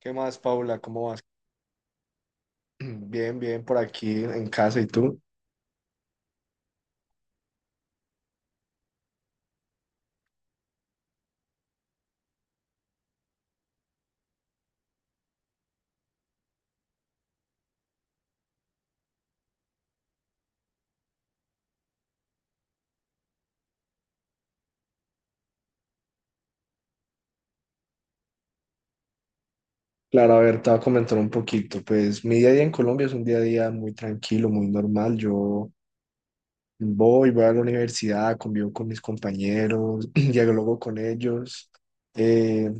¿Qué más, Paula? ¿Cómo vas? Bien, bien, por aquí en casa. ¿Y tú? Claro, a ver, te voy a comentar un poquito. Pues mi día a día en Colombia es un día a día muy tranquilo, muy normal. Yo voy a la universidad, convivo con mis compañeros, dialogo con ellos. Eh,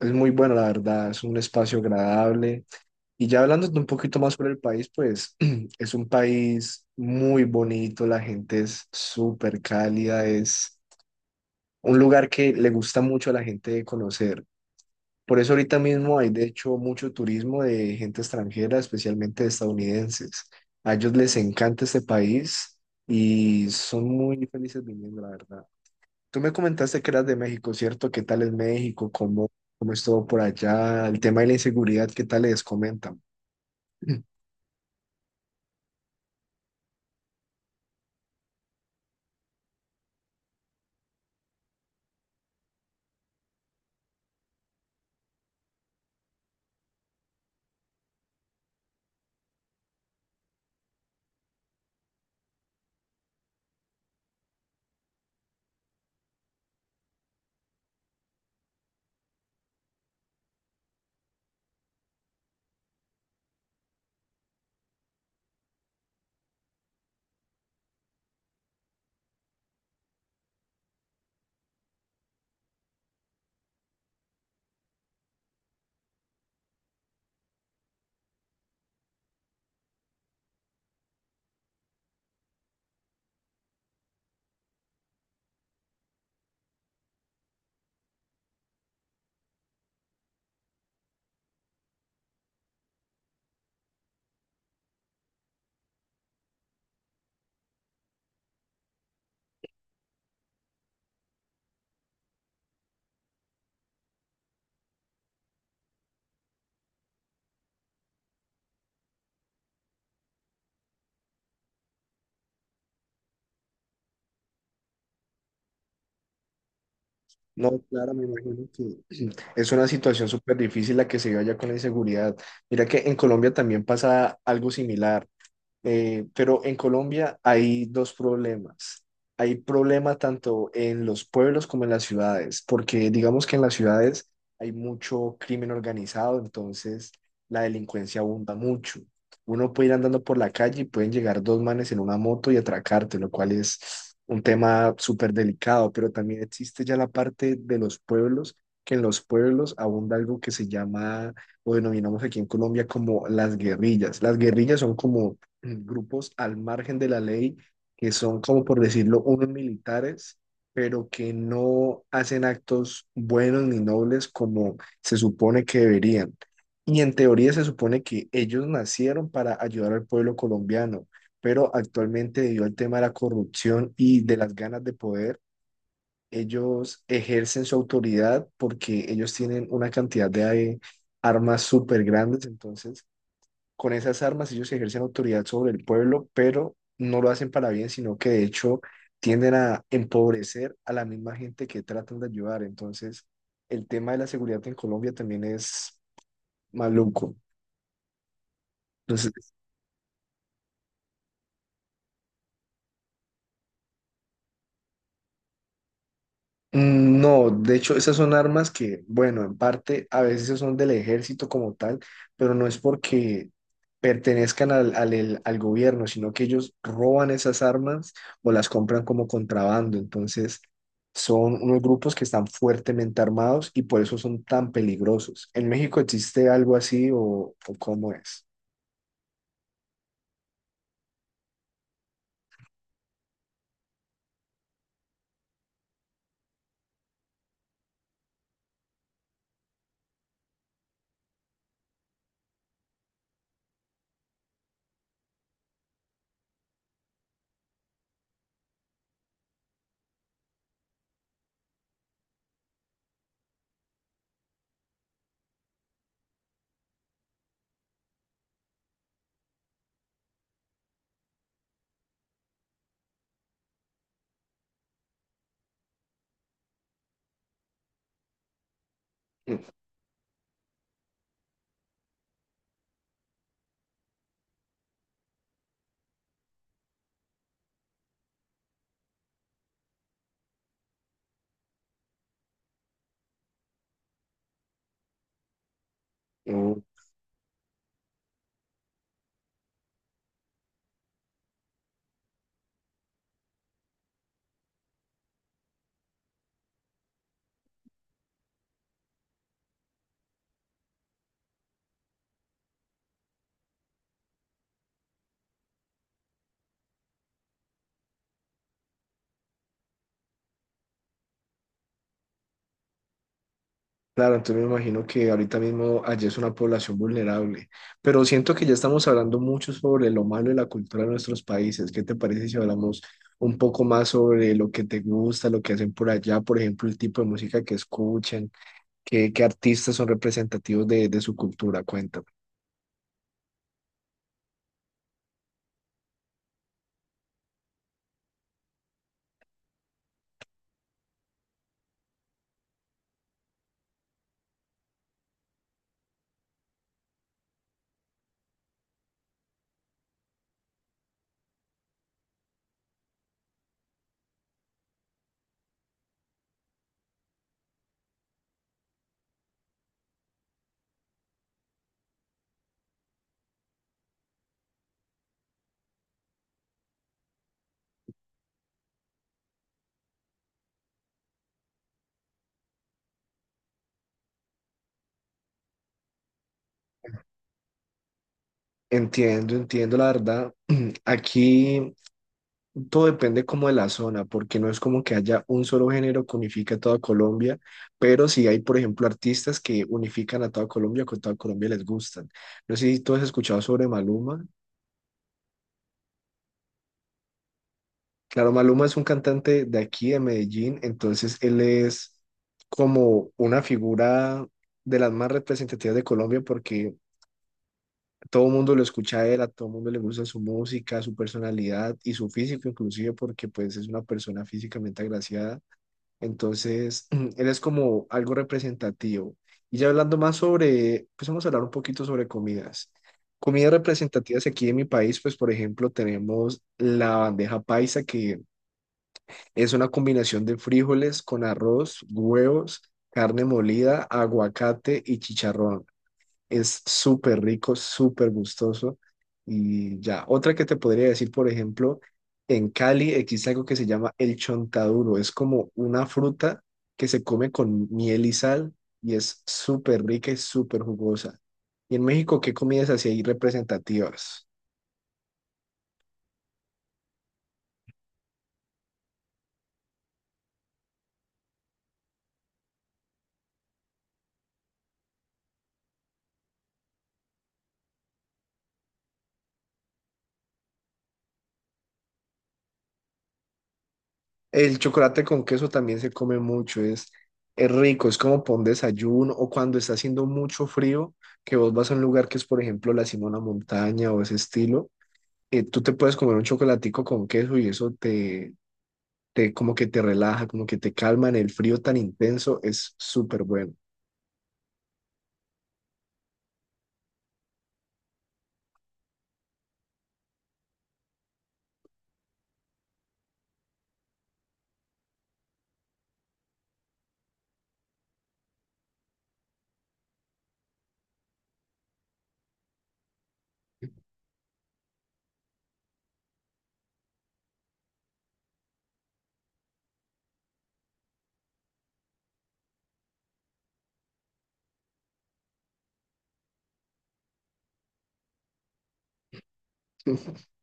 es muy bueno, la verdad, es un espacio agradable. Y ya hablando un poquito más sobre el país, pues es un país muy bonito, la gente es súper cálida, es un lugar que le gusta mucho a la gente de conocer. Por eso ahorita mismo hay de hecho mucho turismo de gente extranjera, especialmente de estadounidenses. A ellos les encanta este país y son muy felices viniendo, la verdad. Tú me comentaste que eras de México, ¿cierto? ¿Qué tal es México? ¿Cómo, cómo es todo por allá? El tema de la inseguridad, ¿qué tal les comentan? No, claro, me imagino que es una situación súper difícil la que se vive allá con la inseguridad. Mira que en Colombia también pasa algo similar. Pero en Colombia hay dos problemas. Hay problema tanto en los pueblos como en las ciudades, porque digamos que en las ciudades hay mucho crimen organizado, entonces la delincuencia abunda mucho. Uno puede ir andando por la calle y pueden llegar dos manes en una moto y atracarte, lo cual es un tema súper delicado, pero también existe ya la parte de los pueblos, que en los pueblos abunda algo que se llama, o denominamos aquí en Colombia como las guerrillas. Las guerrillas son como grupos al margen de la ley, que son como por decirlo, unos militares, pero que no hacen actos buenos ni nobles como se supone que deberían. Y en teoría se supone que ellos nacieron para ayudar al pueblo colombiano, pero actualmente debido al tema de la corrupción y de las ganas de poder, ellos ejercen su autoridad porque ellos tienen una cantidad de armas súper grandes, entonces con esas armas ellos ejercen autoridad sobre el pueblo, pero no lo hacen para bien, sino que de hecho tienden a empobrecer a la misma gente que tratan de ayudar. Entonces, el tema de la seguridad en Colombia también es maluco. Entonces, mm, no, de hecho, esas son armas que, bueno, en parte a veces son del ejército como tal, pero no es porque pertenezcan al gobierno, sino que ellos roban esas armas o las compran como contrabando. Entonces, son unos grupos que están fuertemente armados y por eso son tan peligrosos. ¿En México existe algo así o cómo es? Claro, entonces me imagino que ahorita mismo allí es una población vulnerable, pero siento que ya estamos hablando mucho sobre lo malo de la cultura de nuestros países. ¿Qué te parece si hablamos un poco más sobre lo que te gusta, lo que hacen por allá, por ejemplo, el tipo de música que escuchan, qué artistas son representativos de su cultura? Cuéntame. Entiendo, entiendo la verdad. Aquí todo depende como de la zona, porque no es como que haya un solo género que unifique a toda Colombia, pero sí hay, por ejemplo, artistas que unifican a toda Colombia, que a toda Colombia les gustan. No sé si tú has escuchado sobre Maluma. Claro, Maluma es un cantante de aquí, de Medellín, entonces él es como una figura de las más representativas de Colombia porque todo el mundo lo escucha a él, a todo el mundo le gusta su música, su personalidad y su físico inclusive porque pues es una persona físicamente agraciada. Entonces, él es como algo representativo. Y ya hablando más sobre, pues vamos a hablar un poquito sobre comidas. Comidas representativas aquí en mi país, pues por ejemplo tenemos la bandeja paisa, que es una combinación de frijoles con arroz, huevos, carne molida, aguacate y chicharrón. Es súper rico, súper gustoso. Y ya, otra que te podría decir, por ejemplo, en Cali existe algo que se llama el chontaduro. Es como una fruta que se come con miel y sal y es súper rica y súper jugosa. Y en México, ¿qué comidas así hay representativas? El chocolate con queso también se come mucho, es rico, es como pon desayuno o cuando está haciendo mucho frío, que vos vas a un lugar que es, por ejemplo, la Simona Montaña o ese estilo, tú te puedes comer un chocolatico con queso y eso te, te como que te relaja, como que te calma en el frío tan intenso, es súper bueno.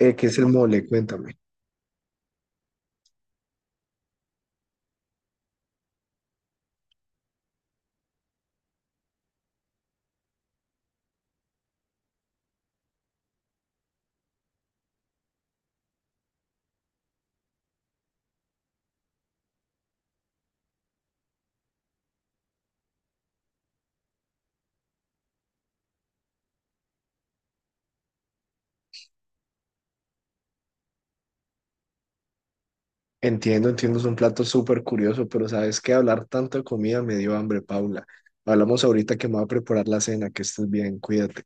¿qué es el mole? Cuéntame. Entiendo, entiendo, es un plato súper curioso, pero sabes que hablar tanto de comida me dio hambre, Paula. Hablamos ahorita que me voy a preparar la cena, que estés bien, cuídate.